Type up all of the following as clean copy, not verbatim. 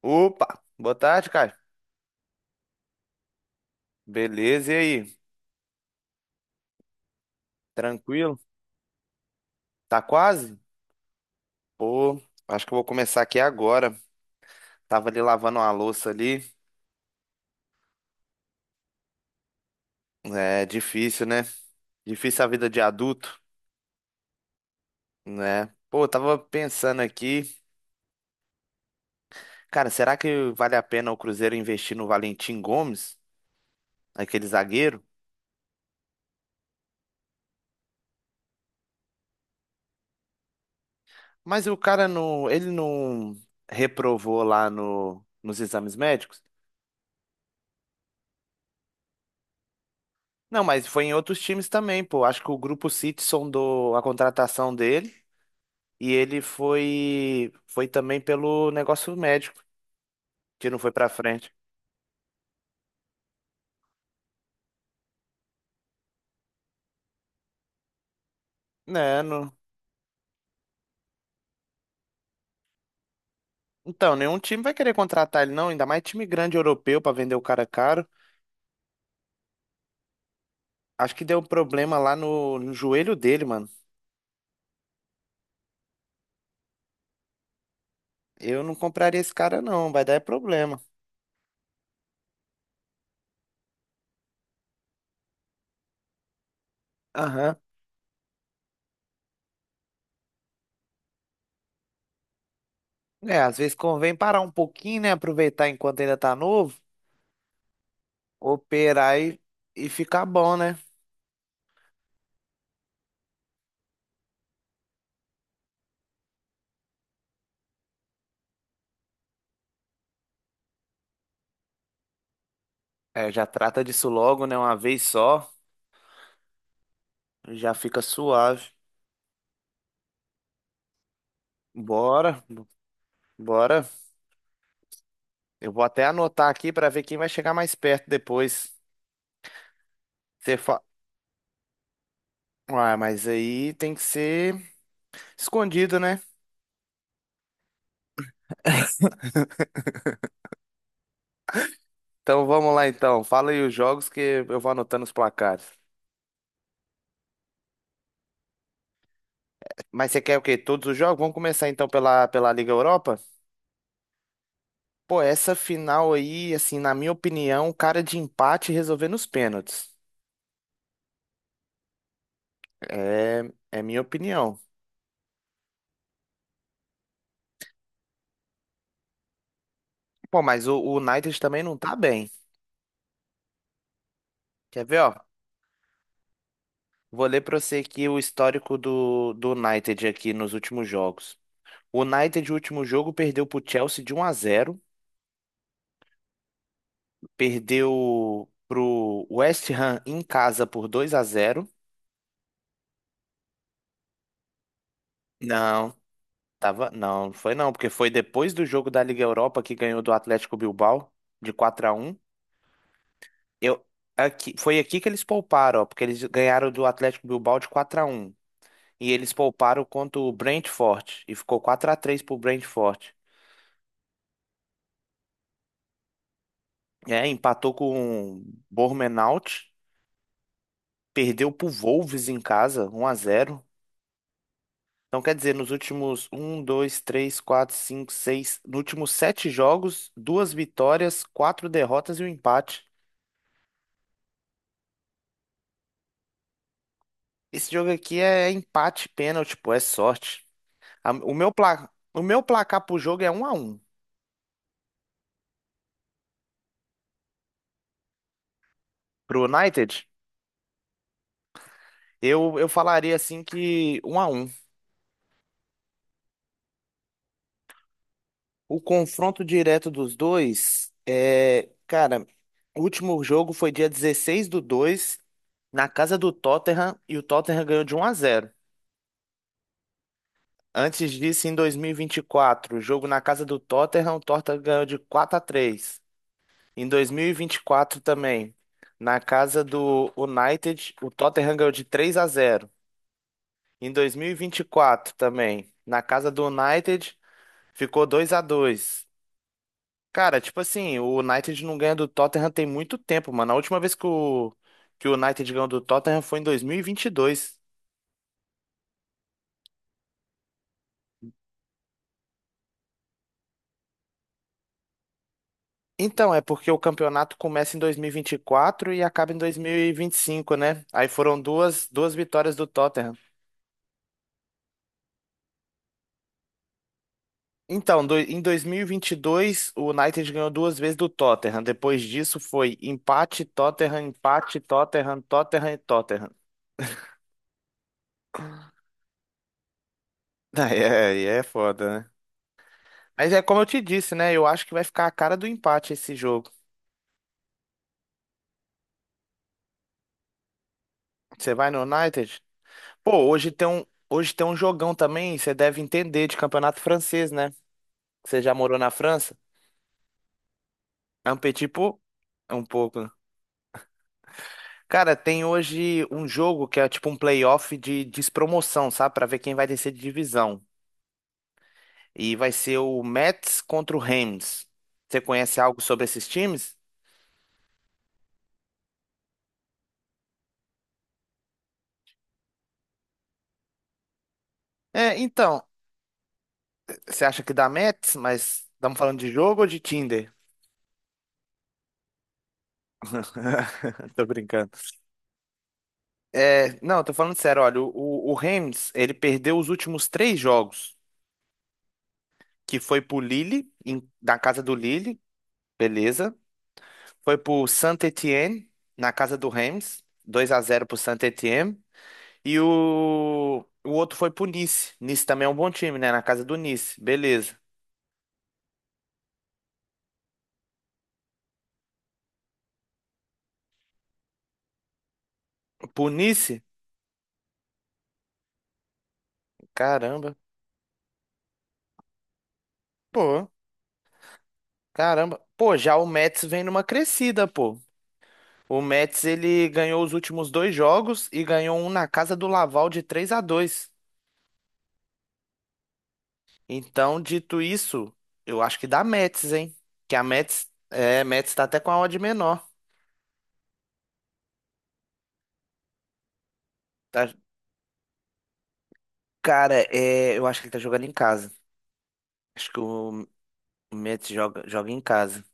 Opa, boa tarde, Caio. Beleza, e aí? Tranquilo? Tá quase? Pô, acho que eu vou começar aqui agora. Tava ali lavando uma louça ali. É difícil, né? Difícil a vida de adulto, né? Pô, eu tava pensando aqui, cara, será que vale a pena o Cruzeiro investir no Valentim Gomes, aquele zagueiro? Mas o cara não, ele não reprovou lá nos exames médicos? Não, mas foi em outros times também, pô. Acho que o Grupo City sondou a contratação dele. E ele foi também pelo negócio médico, que não foi pra frente. Né, não. Então, nenhum time vai querer contratar ele, não, ainda mais time grande europeu pra vender o cara caro. Acho que deu problema lá no joelho dele, mano. Eu não compraria esse cara, não, vai dar é problema. Aham. É, às vezes convém parar um pouquinho, né? Aproveitar enquanto ainda tá novo, operar e ficar bom, né? É, já trata disso logo, né? Uma vez só, já fica suave. Bora, bora. Eu vou até anotar aqui pra ver quem vai chegar mais perto depois. Você fa... Ah, mas aí tem que ser escondido, né? Então vamos lá então. Fala aí os jogos que eu vou anotando os placares. Mas você quer o quê? Todos os jogos? Vamos começar então pela Liga Europa? Pô, essa final aí, assim, na minha opinião, cara de empate resolvendo os pênaltis. É, é minha opinião. Pô, mas o United também não tá bem. Quer ver, ó? Vou ler pra você aqui o histórico do United aqui nos últimos jogos. O United, o último jogo, perdeu pro Chelsea de um a zero, perdeu pro West Ham em casa por 2 a zero. Não, tava, não, não foi não, porque foi depois do jogo da Liga Europa que ganhou do Atlético Bilbao de 4 a um. Eu aqui, foi aqui que eles pouparam, ó, porque eles ganharam do Atlético Bilbao de 4 a um e eles pouparam contra o Brentford e ficou 4 a 3 pro Brentford. É, empatou com o Bournemouth, perdeu pro Wolves em casa, um a zero. Então, quer dizer, nos últimos um, dois, três, quatro, cinco, seis, nos últimos sete jogos, duas vitórias, quatro derrotas e um empate. Esse jogo aqui é empate, pênalti, pô, é sorte. A- O meu, pla- o meu placar pro jogo é um a 1. Pro United, eu falaria assim que um a um. O confronto direto dos dois é, cara, o último jogo foi dia 16/2 na casa do Tottenham e o Tottenham ganhou de um a zero. Antes disso, em dois mil e vinte e quatro, jogo na casa do Tottenham, o Tottenham ganhou de 4 a 3. Em dois mil e vinte e quatro também, na casa do United, o Tottenham ganhou de 3 a zero. Em dois mil e vinte e quatro também, na casa do United, ficou 2 a 2. Cara, tipo assim, o United não ganha do Tottenham tem muito tempo, mano. A última vez que que o United ganhou do Tottenham foi em dois mil e vinte e dois. Então, é porque o campeonato começa em dois mil e vinte e quatro e acaba em dois mil e vinte e cinco, né? Aí foram duas vitórias do Tottenham. Então, em 2022, o United ganhou duas vezes do Tottenham. Depois disso foi empate, Tottenham, Tottenham e Tottenham. Aí é foda, né? Mas é como eu te disse, né? Eu acho que vai ficar a cara do empate esse jogo. Você vai no United? Pô, hoje tem um jogão também, você deve entender de campeonato francês, né? Você já morou na França? É um petit peu? É um pouco, né? Cara, tem hoje um jogo que é tipo um playoff de despromoção, sabe? Pra ver quem vai descer de divisão. E vai ser o Mets contra o Rams. Você conhece algo sobre esses times? É, então, você acha que dá Mets, mas estamos falando de jogo ou de Tinder? Tô brincando. É, não, tô falando sério, olha, o Rams, ele perdeu os últimos três jogos, que foi pro Lille, na casa do Lille, beleza? Foi pro Saint-Étienne, na casa do Reims, 2 a 0 pro Saint-Étienne. E o outro foi pro Nice. Nice também é um bom time, né? Na casa do Nice. Beleza. Pro Nice? Caramba. Pô, caramba. Pô, já o Metz vem numa crescida, pô. O Metz, ele ganhou os últimos dois jogos e ganhou um na casa do Laval de 3 a 2. Então, dito isso, eu acho que dá Metz, hein? Que a Metz, é, Metz tá até com a odd menor. Tá, cara, é, eu acho que ele tá jogando em casa. Acho que o Mets joga em casa.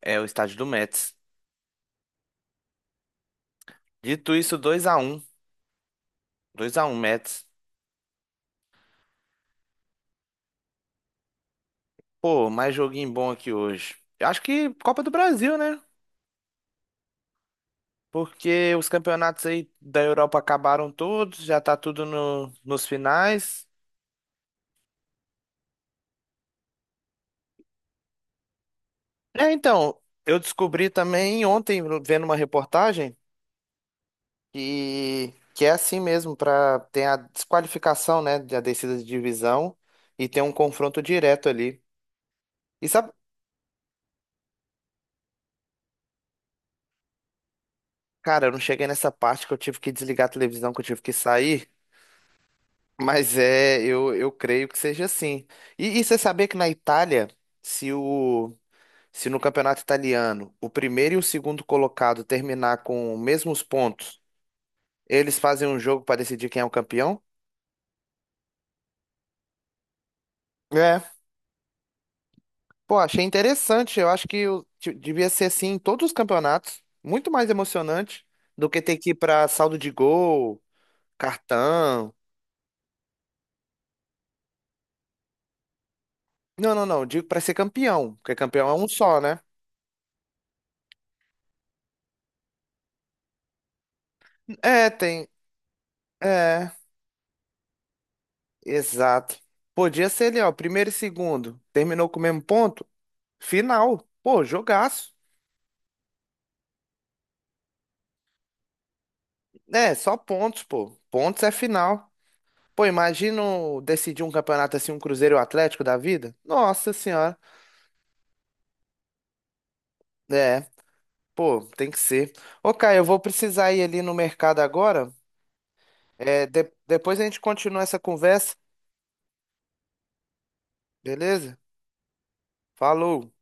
É o estádio do Mets. Dito isso, 2x1. 2x1, Mets. Pô, mais joguinho bom aqui hoje. Eu acho que Copa do Brasil, né? Porque os campeonatos aí da Europa acabaram todos, já tá tudo nos finais. É, então, eu descobri também ontem, vendo uma reportagem. E que é assim mesmo, para tem a desqualificação, né, da descida de divisão e tem um confronto direto ali. E sabe, cara, eu não cheguei nessa parte que eu tive que desligar a televisão, que eu tive que sair, mas é, eu creio que seja assim. E você sabia que na Itália, se o se no campeonato italiano o primeiro e o segundo colocado terminar com os mesmos pontos, eles fazem um jogo para decidir quem é o campeão? É. Pô, achei interessante. Eu acho que devia ser assim em todos os campeonatos. Muito mais emocionante do que ter que ir pra saldo de gol, cartão. Não, não, não. Digo pra ser campeão, porque campeão é um só, né? É, tem. É, exato. Podia ser ali, ó, primeiro e segundo. Terminou com o mesmo ponto? Final. Pô, jogaço. É, só pontos, pô. Pontos é final. Pô, imagina decidir um campeonato assim, um Cruzeiro e o Atlético da vida? Nossa Senhora. É. Pô, tem que ser. Ô, Caio, eu vou precisar ir ali no mercado agora. É, depois a gente continua essa conversa, beleza? Falou.